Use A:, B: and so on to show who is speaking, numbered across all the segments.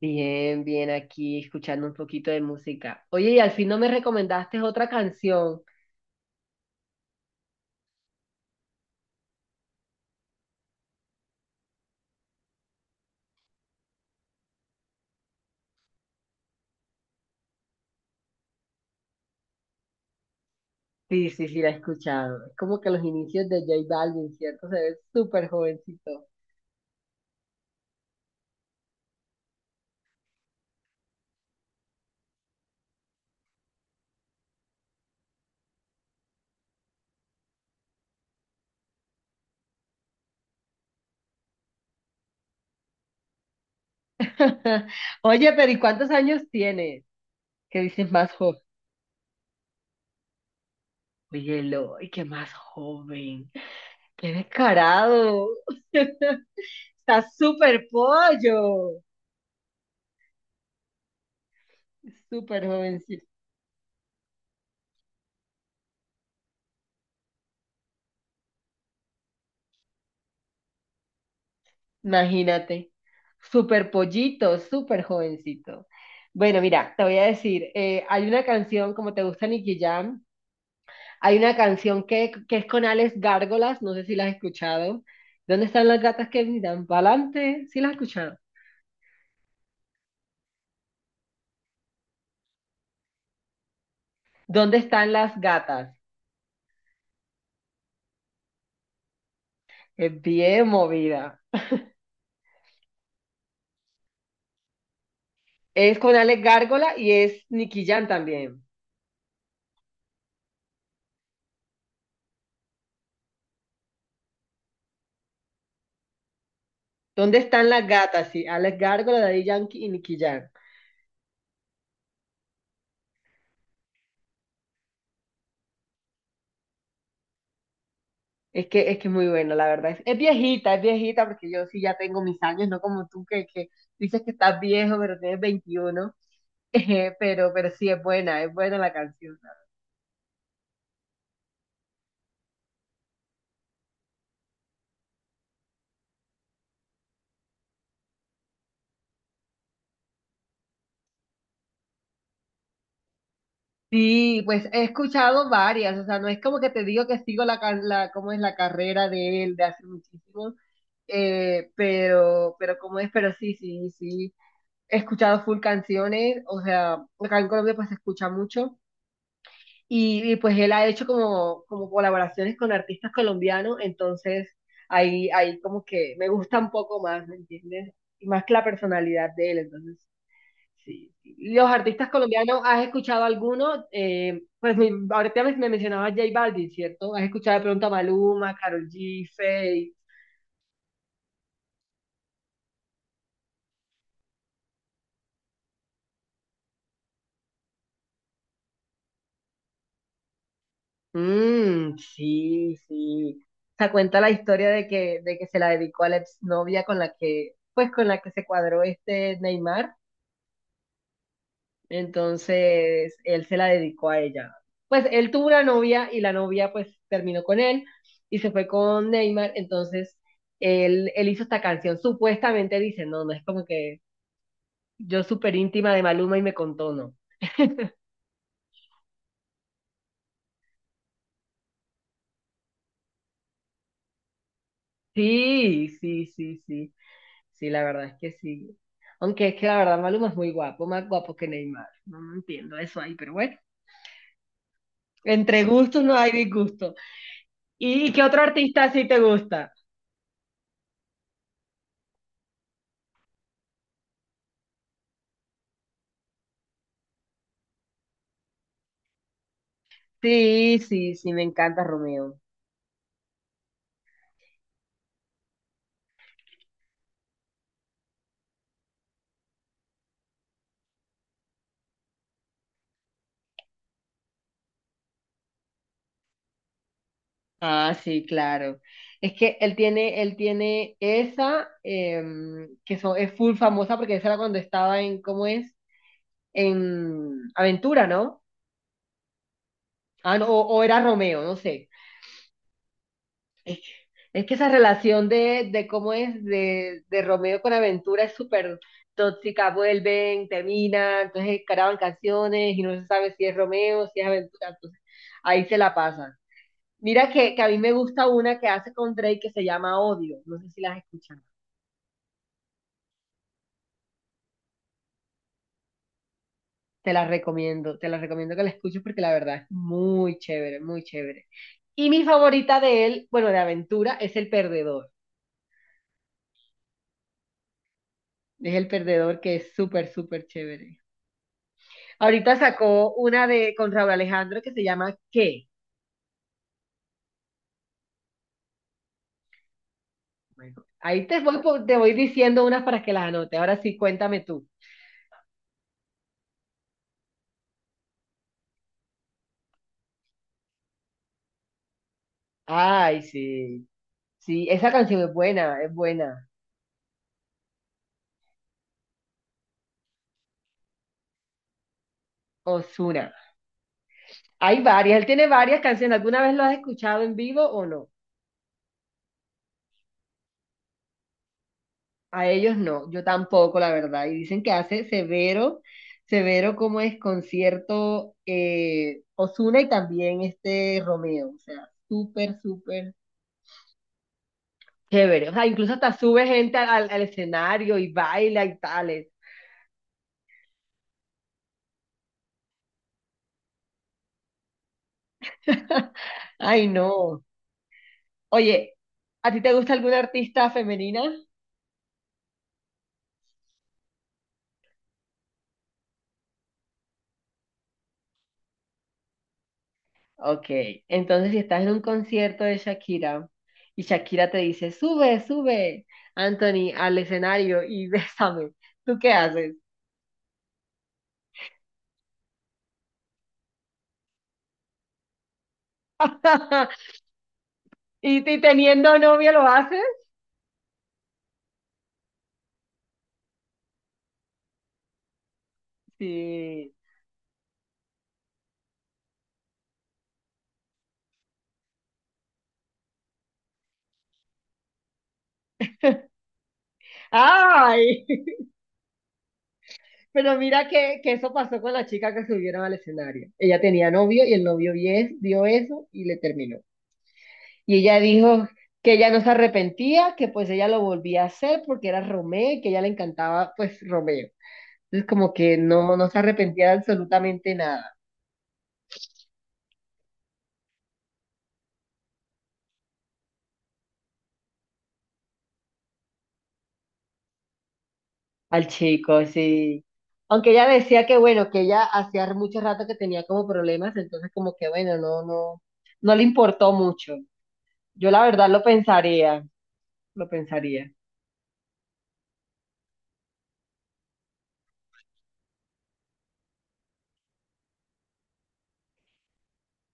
A: Bien, bien, aquí escuchando un poquito de música. Oye, y al fin no me recomendaste otra canción. Sí, sí, sí, la he escuchado. Es como que los inicios de J Balvin, ¿cierto? Se ve súper jovencito. Oye, pero ¿y cuántos años tienes? ¿Qué dices más joven? Oye, Eloy, qué más joven. Qué descarado. Está súper pollo. Súper jovencito. Imagínate, súper pollito, súper jovencito. Bueno, mira, te voy a decir, hay una canción, como te gusta Nicky Jam, hay una canción que es con Alex Gárgolas, no sé si la has escuchado. ¿Dónde están las gatas que miran? ¿Pa'lante? ¿Sí la has escuchado? ¿Dónde están las gatas? Es bien movida. Es con Alex Gárgola y es Nicky Jam también. ¿Dónde están las gatas? Sí, Alex Gárgola, Daddy Yankee y Nicky Jam. Es que es muy bueno, la verdad. Es viejita, porque yo sí ya tengo mis años, no como tú que dices que estás viejo, pero tienes 21. Pero sí es buena la canción. Sí, pues he escuchado varias, o sea, no es como que te digo que sigo la cómo es la carrera de él de hace muchísimo, pero cómo es, pero sí, sí, sí. He escuchado full canciones, o sea, acá en Colombia pues se escucha mucho. Y, pues él ha hecho como, como colaboraciones con artistas colombianos, entonces ahí como que me gusta un poco más, ¿me entiendes? Y más que la personalidad de él, entonces sí. Sí. ¿Y los artistas colombianos, has escuchado alguno? Pues ahorita me mencionabas J Balvin, ¿cierto? ¿Has escuchado de pronto a Maluma, Karol G, Feid? Mmm, sí, sí. O sea, cuenta la historia de que se la dedicó a la exnovia con la que, pues con la que se cuadró este Neymar. Entonces, él se la dedicó a ella. Pues él tuvo una novia y la novia pues terminó con él y se fue con Neymar. Entonces, él hizo esta canción. Supuestamente dice, no, no es como que yo súper íntima de Maluma y me contó, no. Sí, sí, sí, sí. Sí, la verdad es que sí. Aunque es que la verdad Maluma es muy guapo, más guapo que Neymar. No, no entiendo eso ahí, pero bueno. Entre gustos no hay disgusto. ¿Y qué otro artista sí te gusta? Sí, sí, sí, me encanta Romeo. Ah, sí, claro. Es que él tiene esa, es full famosa porque esa era cuando estaba en, ¿cómo es? En Aventura, ¿no? Ah, no, o era Romeo, no sé. Es que esa relación de cómo es, de Romeo con Aventura es súper tóxica, vuelven, terminan, entonces graban canciones y no se sabe si es Romeo, si es Aventura, entonces ahí se la pasan. Mira que a mí me gusta una que hace con Drake que se llama Odio, no sé si las escuchado. Te la recomiendo que la escuches porque la verdad es muy chévere, muy chévere. Y mi favorita de él, bueno, de aventura, es El Perdedor. Es El Perdedor que es súper, súper chévere. Ahorita sacó una de con Raúl Alejandro que se llama ¿Qué? Bueno, ahí te voy, te voy diciendo unas para que las anotes. Ahora sí, cuéntame tú. Ay, sí. Sí, esa canción es buena, es buena. Ozuna. Hay varias, él tiene varias canciones. ¿Alguna vez lo has escuchado en vivo o no? A ellos no, yo tampoco, la verdad. Y dicen que hace severo, severo como es concierto, Ozuna y también este Romeo. O sea, súper, súper chévere. O sea, incluso hasta sube gente al escenario y baila y tales. Ay, no. Oye, ¿a ti te gusta alguna artista femenina? Ok, entonces si estás en un concierto de Shakira y Shakira te dice, sube, sube, Anthony, al escenario y bésame, ¿tú qué haces? ¿Y teniendo novio lo haces? Sí. Ay, pero mira que eso pasó con la chica que subieron al escenario. Ella tenía novio y el novio vio eso y le terminó. Y ella dijo que ella no se arrepentía, que pues ella lo volvía a hacer porque era Romeo y que a ella le encantaba pues Romeo. Entonces como que no, no se arrepentía de absolutamente nada. Al chico, sí. Aunque ella decía que bueno, que ella hacía mucho rato que tenía como problemas, entonces como que bueno, no, no, no le importó mucho. Yo la verdad lo pensaría, lo pensaría.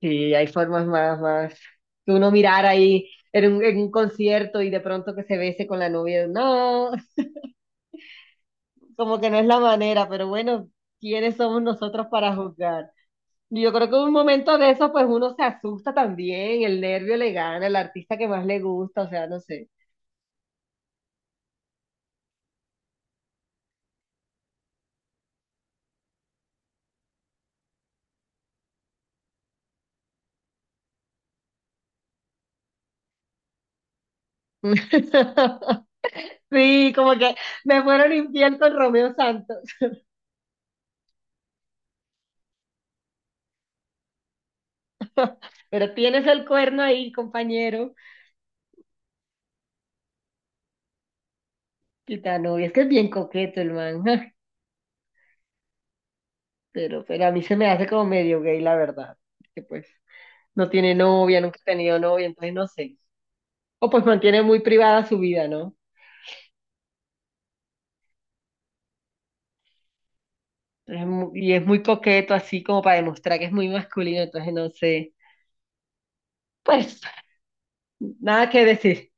A: Sí, hay formas más, más. Que uno mirar ahí en un concierto y de pronto que se bese con la novia. No, como que no es la manera, pero bueno, ¿quiénes somos nosotros para juzgar? Yo creo que en un momento de eso, pues uno se asusta también, el nervio le gana, el artista que más le gusta, o sea, no sé. Sí, como que me fueron infiel con Romeo Santos. Pero tienes el cuerno ahí, compañero. Gitano, y es que es bien coqueto el man. Pero a mí se me hace como medio gay, la verdad. Que pues no tiene novia, nunca ha tenido novia, entonces no sé. O pues mantiene muy privada su vida, ¿no? Entonces, y es muy coqueto así como para demostrar que es muy masculino, entonces no sé. Pues nada que decir.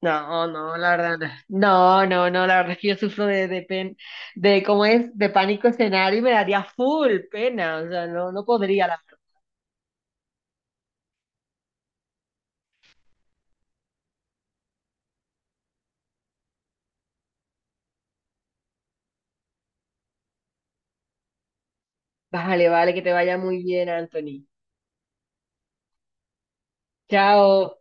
A: No, no, la verdad, no, no, no, no, la verdad es que yo sufro de pen, de cómo es, de pánico escenario y me daría full pena, o sea, no, no podría, la verdad. Vale, vale, que te vaya muy bien, Anthony. Chao.